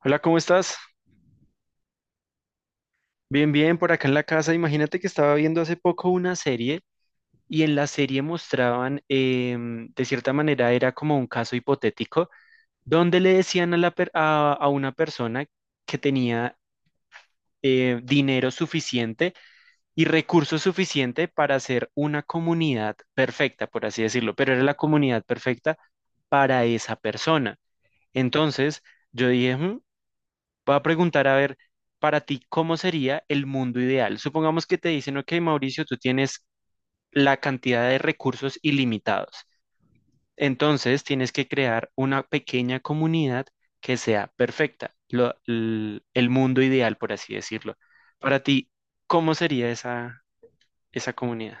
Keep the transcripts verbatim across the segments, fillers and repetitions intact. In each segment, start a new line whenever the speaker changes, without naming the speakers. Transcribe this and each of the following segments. Hola, ¿cómo estás? Bien, bien, por acá en la casa. Imagínate que estaba viendo hace poco una serie y en la serie mostraban, em, de cierta manera, era como un caso hipotético, donde le decían a, la per- a, a una persona que tenía eh, dinero suficiente y recursos suficiente para hacer una comunidad perfecta, por así decirlo, pero era la comunidad perfecta para esa persona. Entonces, yo dije, "Mm, Voy a preguntar, a ver, para ti, ¿cómo sería el mundo ideal? Supongamos que te dicen, ok, Mauricio, tú tienes la cantidad de recursos ilimitados. Entonces, tienes que crear una pequeña comunidad que sea perfecta, lo- l- el mundo ideal, por así decirlo. Para ti, ¿cómo sería esa, esa comunidad?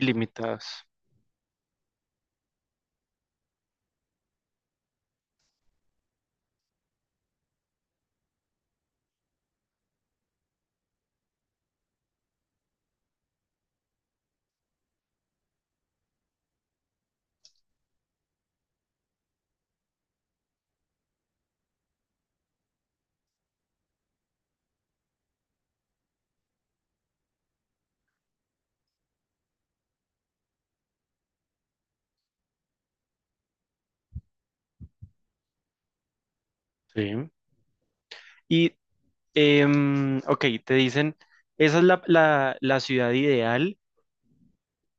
Ilimitados. Sí. Y, em, ok, te dicen, esa es la la- la ciudad ideal,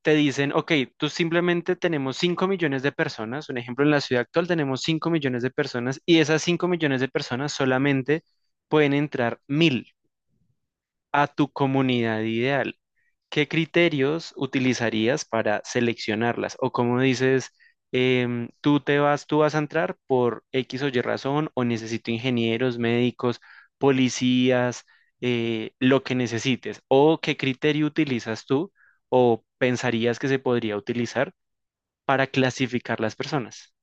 te dicen, ok, tú simplemente tenemos cinco millones de personas, un ejemplo, en la ciudad actual tenemos cinco millones de personas y esas cinco millones de personas solamente pueden entrar mil a tu comunidad ideal. ¿Qué criterios utilizarías para seleccionarlas? O como dices, em, tú te vas, tú vas a entrar por X o Y razón, o necesito ingenieros, médicos, policías, eh, lo que necesites. ¿O qué criterio utilizas tú o pensarías que se podría utilizar para clasificar las personas?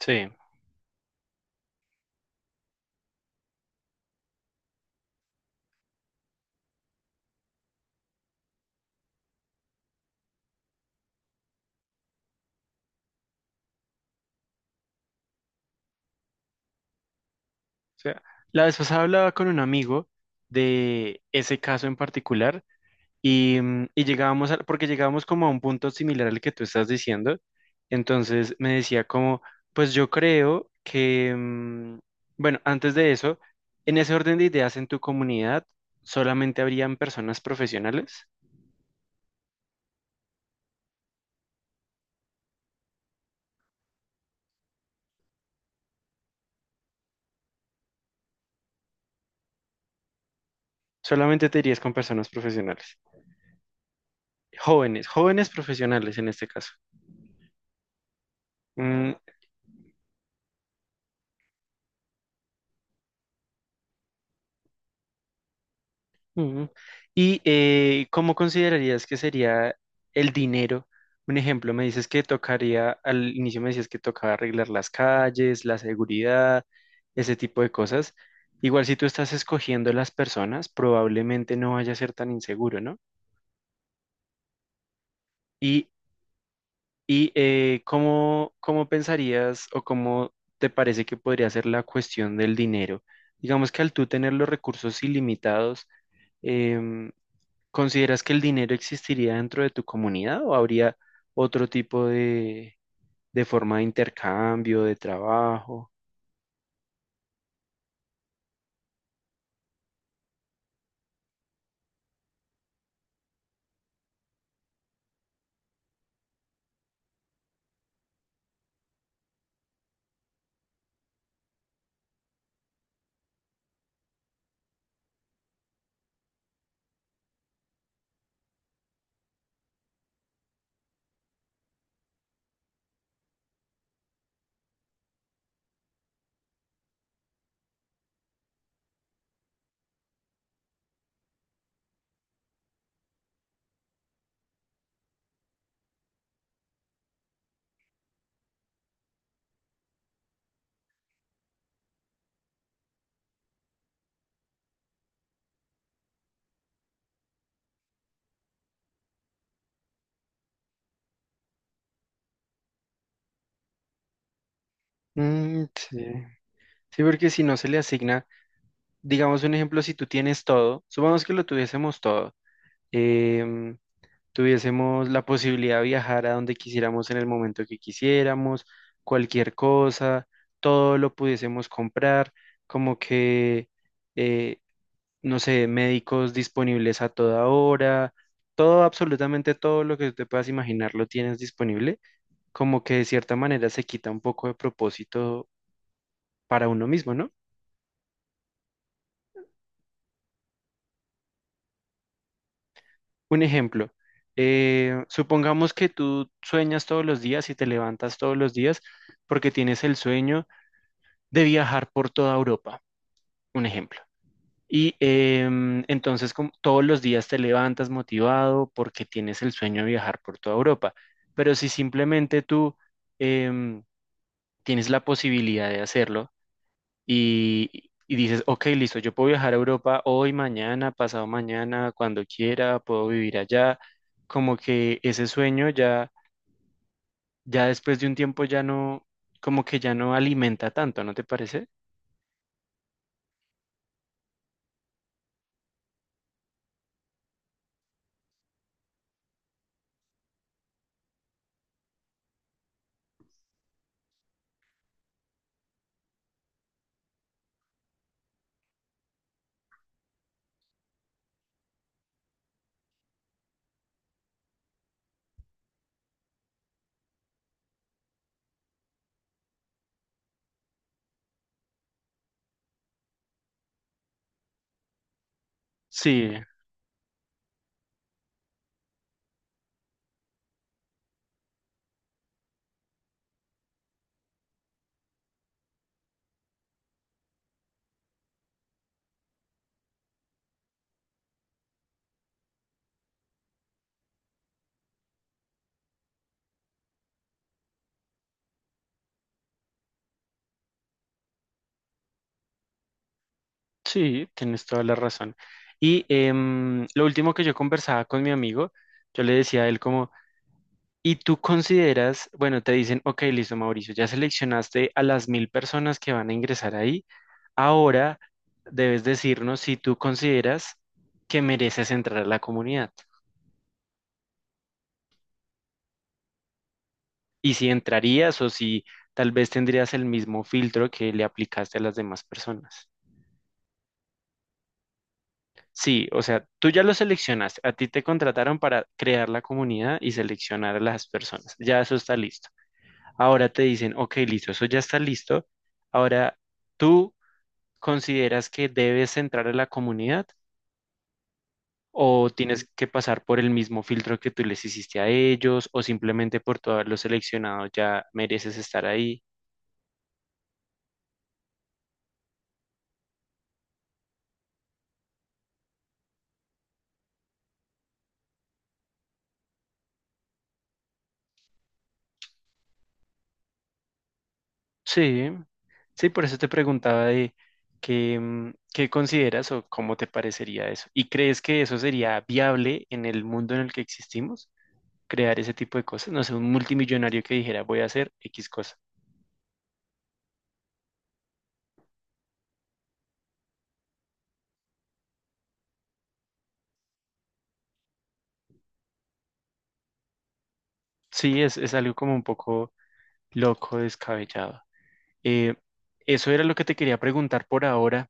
Sí. O sea, la vez pasada hablaba con un amigo de ese caso en particular. Y, mm, y llegábamos al, porque llegábamos como a un punto similar al que tú estás diciendo. Entonces me decía como, pues yo creo que, mm, bueno, antes de eso, en ese orden de ideas en tu comunidad, solamente habrían personas profesionales. Solamente te irías con personas profesionales. Jóvenes, jóvenes profesionales en este caso. Mm, mm. ¿Y eh, cómo considerarías que sería el dinero? Un ejemplo, me dices que tocaría, al inicio me decías que tocaba arreglar las calles, la seguridad, ese tipo de cosas. Igual si tú estás escogiendo las personas, probablemente no vaya a ser tan inseguro, ¿no? Y, y eh, ¿cómo, cómo pensarías o cómo te parece que podría ser la cuestión del dinero? Digamos que al tú tener los recursos ilimitados, em, ¿Consideras que el dinero existiría dentro de tu comunidad o habría otro tipo de, de forma de intercambio, de trabajo? Mm, sí. Sí, porque si no se le asigna, digamos un ejemplo, si tú tienes todo, supongamos que lo tuviésemos todo, em, tuviésemos la posibilidad de viajar a donde quisiéramos en el momento que quisiéramos, cualquier cosa, todo lo pudiésemos comprar, como que eh, no sé, médicos disponibles a toda hora, todo, absolutamente todo lo que te puedas imaginar lo tienes disponible, como que de cierta manera se quita un poco de propósito para uno mismo, ¿no? Un ejemplo, eh, supongamos que tú sueñas todos los días y te levantas todos los días porque tienes el sueño de viajar por toda Europa, un ejemplo. Y em, entonces como todos los días te levantas motivado porque tienes el sueño de viajar por toda Europa. Pero si simplemente tú em, tienes la posibilidad de hacerlo y, y dices, ok, listo, yo puedo viajar a Europa hoy, mañana, pasado mañana, cuando quiera, puedo vivir allá, como que ese sueño ya, ya después de un tiempo ya no, como que ya no alimenta tanto, ¿no te parece? Sí. Sí, tienes toda la razón. Y em, lo último que yo conversaba con mi amigo, yo le decía a él como, ¿y tú consideras, bueno, te dicen, ok, listo, Mauricio, ya seleccionaste a las mil personas que van a ingresar ahí, ahora debes decirnos si tú consideras que mereces entrar a la comunidad y si entrarías o si tal vez tendrías el mismo filtro que le aplicaste a las demás personas? Sí, o sea, tú ya lo seleccionaste, a ti te contrataron para crear la comunidad y seleccionar a las personas, ya eso está listo. Ahora te dicen, ok, listo, eso ya está listo. Ahora, ¿tú consideras que debes entrar a la comunidad o tienes que pasar por el mismo filtro que tú les hiciste a ellos o simplemente por tú haberlo seleccionado ya mereces estar ahí? Sí. Sí, por eso te preguntaba de qué, mm, qué consideras o cómo te parecería eso. ¿Y crees que eso sería viable en el mundo en el que existimos? Crear ese tipo de cosas. No sé, un multimillonario que dijera voy a hacer X cosa. Sí, es, es algo como un poco loco, descabellado. Eh, eso era lo que te quería preguntar por ahora.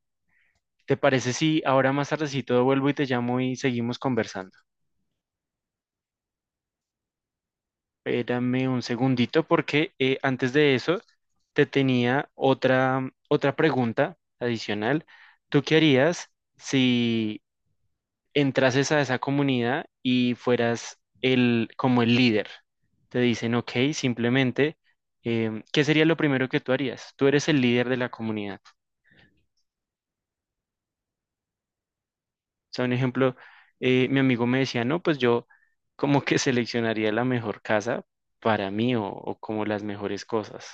¿Te parece si ahora más tardecito vuelvo y te llamo y seguimos conversando? Espérame un segundito porque eh, antes de eso te tenía otra, otra pregunta adicional. ¿Tú qué harías si entrases a esa comunidad y fueras el, como el líder? Te dicen, ok, simplemente, em, ¿qué sería lo primero que tú harías? Tú eres el líder de la comunidad. O sea, un ejemplo, eh, mi amigo me decía, no, pues yo como que seleccionaría la mejor casa para mí o o como las mejores cosas.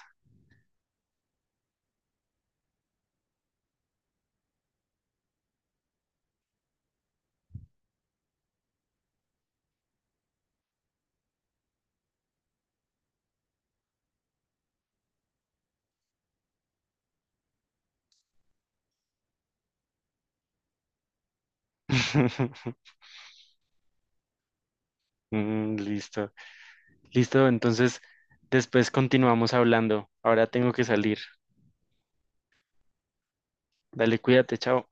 Mm, listo. Listo, entonces después continuamos hablando. Ahora tengo que salir. Dale, cuídate, chao.